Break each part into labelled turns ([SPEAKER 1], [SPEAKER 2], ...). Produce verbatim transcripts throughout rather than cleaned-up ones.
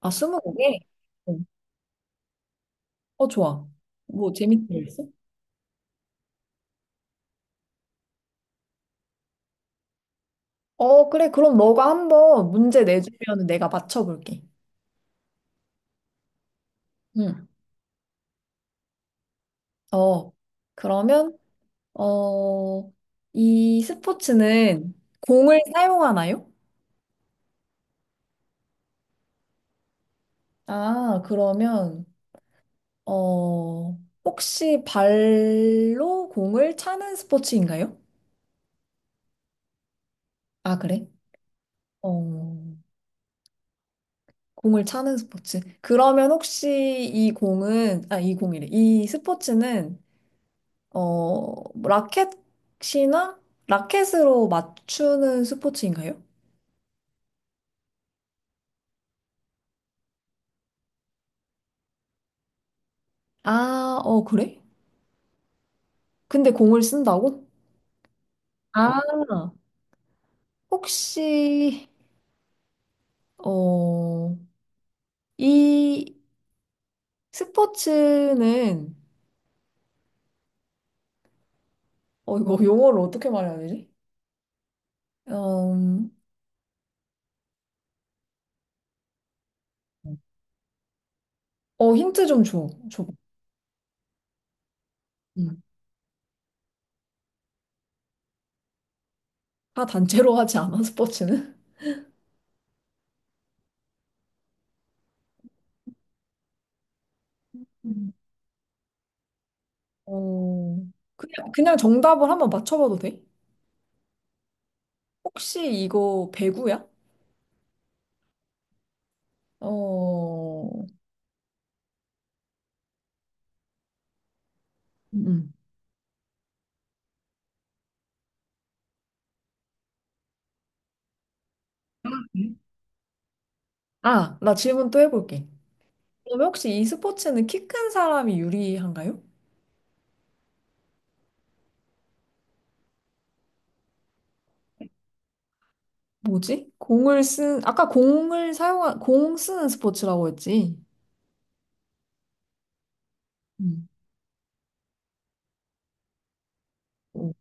[SPEAKER 1] 아, 스무고개? 응. 어, 좋아. 뭐 재밌는 거 있어? 어, 그래. 그럼 너가 한번 문제 내주면 내가 맞춰볼게. 응. 어, 그러면, 어, 이 스포츠는 공을 사용하나요? 아, 그러면, 어, 혹시 발로 공을 차는 스포츠인가요? 아, 그래? 어, 공을 차는 스포츠. 그러면 혹시 이 공은, 아, 이 공이래. 이 스포츠는 어, 라켓이나 라켓으로 맞추는 스포츠인가요? 아, 어, 그래? 근데 공을 쓴다고? 아, 혹시, 어, 이 스포츠는, 어, 이거 용어를 어떻게 말해야 되지? 음, 어, 힌트 좀 줘, 줘. 음. 다 단체로 하지 않아, 스포츠는? 음. 어, 그냥, 그냥 정답을 한번 맞춰봐도 돼? 혹시 이거 배구야? 어, 음. 음. 아, 나 질문 또 해볼게. 그러면 혹시 이 스포츠는 키 큰 사람이 유리한가요? 뭐지? 공을 쓴, 아까 공을 사용한, 공 쓰는 스포츠라고 했지? 음. 어,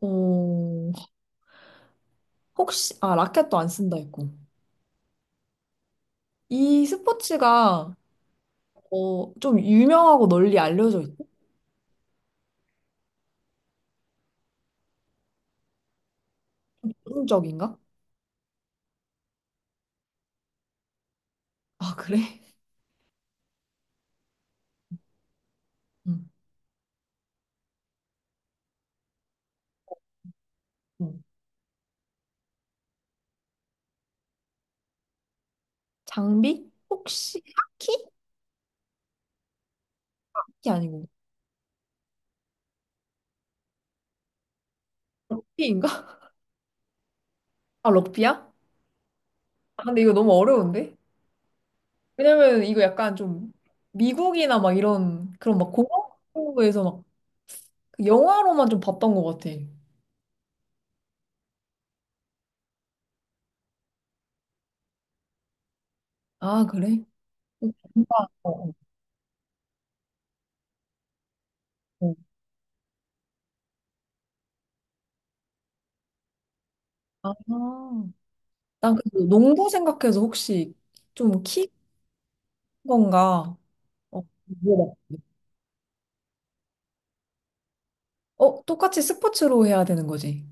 [SPEAKER 1] 어, 혹시, 아, 라켓도 안 쓴다 했고. 이 스포츠가, 어, 좀 유명하고 널리 알려져 있고? 전문적인가? 아, 그래? 음. 음. 장비? 혹시 하키? 하키 아니고. 럭비인가? 아, 럭비야? 아, 근데 이거 너무 어려운데? 왜냐면 이거 약간 좀 미국이나 막 이런 그런 막 공항에서 막그 영화로만 좀 봤던 것 같아. 아, 그래? 어, 뭔가, 어, 어, 어. 아, 난그 농구 생각해서 혹시 좀 키 건가? 어, 물어봤 어, 똑같이 스포츠로 해야 되는 거지.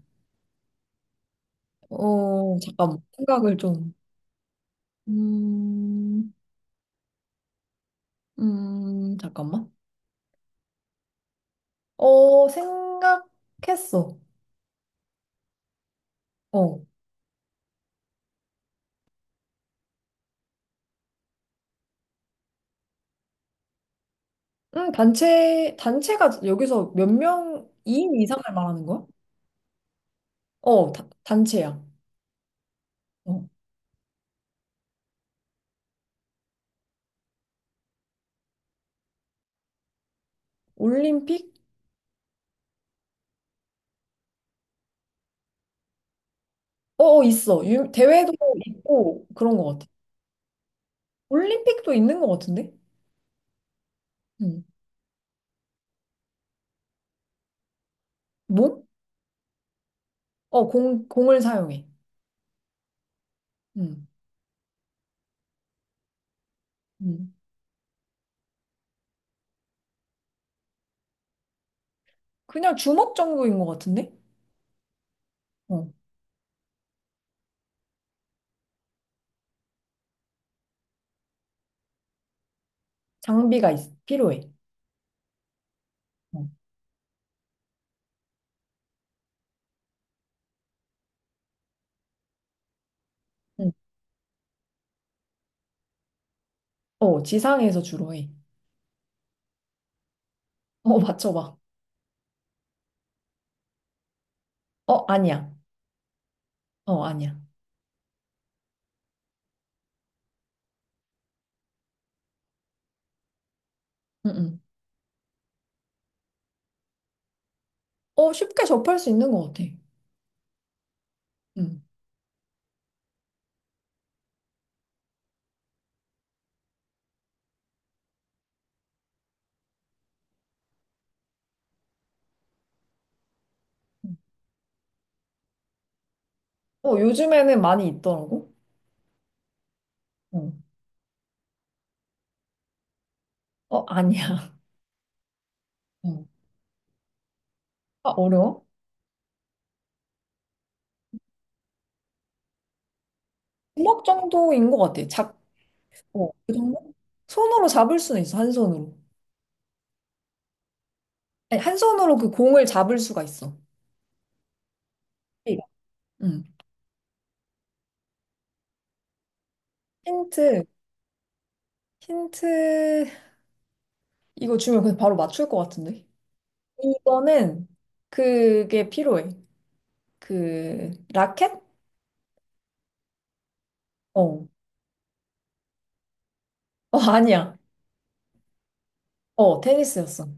[SPEAKER 1] 어, 잠깐만. 생각을 좀. 음, 음, 잠깐만. 어, 생각했어. 어. 음, 단체, 단체가 여기서 몇 명, 이 인 이상을 말하는 거야? 어, 다- 단체야. 어. 올림픽? 어, 어, 있어. 유- 대회도 있고, 그런 것 같아. 올림픽도 있는 것 같은데? 음. 몸? 어, 공, 공을 사용해. 음. 음. 그냥 주먹 정도인 것 같은데? 어. 장비가 있, 필요해. 어. 음. 어, 지상에서 주로 해. 어, 맞춰봐. 어, 아니야. 어, 아니야. 응, 응. 어, 쉽게 접할 수 있는 것 같아. 응 응. 어, 요즘에는 많이 있더라고. 어, 어, 아니야. 어. 아, 어려워? 주먹 정도인 것 같아. 작, 어, 그 정도? 손으로 잡을 수는 있어, 한 손으로. 아니, 한 손으로 그 공을 잡을 수가 있어. 네. 응. 힌트, 힌트, 이거 주면 그냥 바로 맞출 것 같은데. 이거는 그게 필요해. 그, 라켓? 어. 어, 아니야. 어, 테니스였어.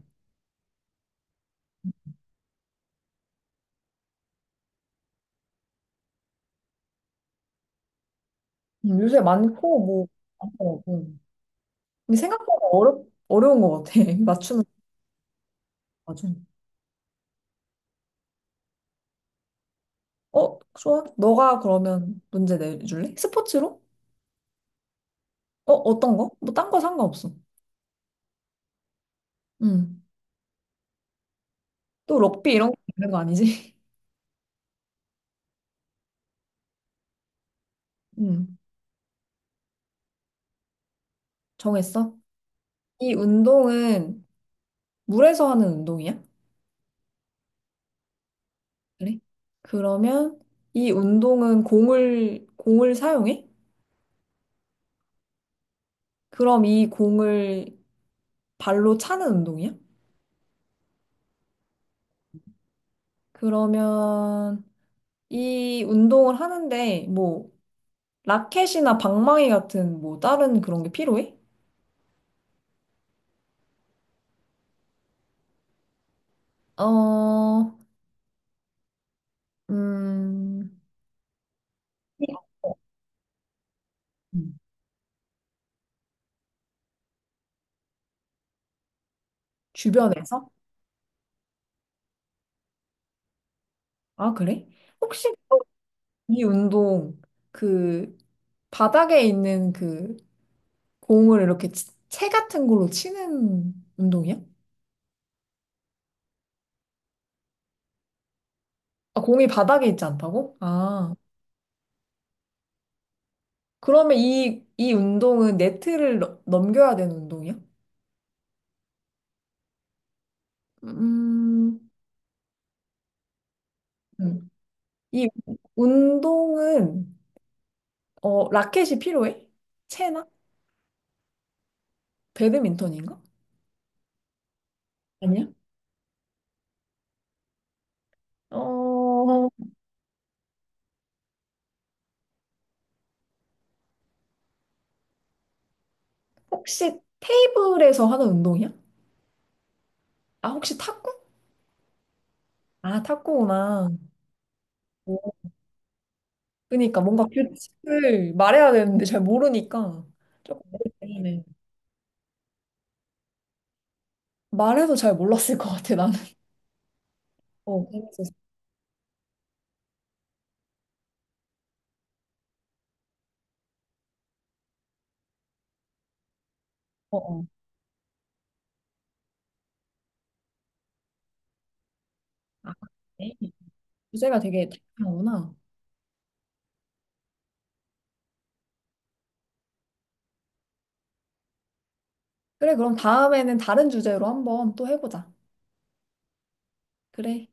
[SPEAKER 1] 음, 요새 많고, 뭐, 어, 어. 근데 생각보다 어렵, 어려운 것 같아. 맞추는. 아, 좀. 어, 좋아. 너가 그러면 문제 내줄래? 스포츠로? 어, 어떤 거? 뭐, 딴 거 상관없어. 음. 또 럭비 이런 거 있는 거 아니지? 음. 정했어? 이 운동은 물에서 하는 운동이야? 그래? 그러면 이 운동은 공을, 공을 사용해? 그럼 이 공을 발로 차는 운동이야? 그러면 이 운동을 하는데 뭐, 라켓이나 방망이 같은 뭐, 다른 그런 게 필요해? 어, 음, 음. 주변에서? 아, 그래? 혹시 이 운동 그 바닥에 있는 그 공을 이렇게 치- 채 같은 걸로 치는 운동이야? 아, 공이 바닥에 있지 않다고? 아, 그러면 이, 이 운동은 네트를 넘- 넘겨야 되는 운동이야? 음, 음. 이 운동은 어, 라켓이 필요해? 채나? 배드민턴인가? 아니야? 어, 혹시 테이블에서 하는 운동이야? 아, 혹시 탁구? 아, 탁구구나. 오, 그러니까 뭔가 규칙을 말해야 되는데 잘 모르니까 조금 어렵네. 말해도 잘 몰랐을 것 같아, 나는. 어, 재밌었어. 어, 어. 아, 네. 주제가 되게 다양하구나. 그래, 그럼 다음에는 다른 주제로 한번 또 해보자. 그래.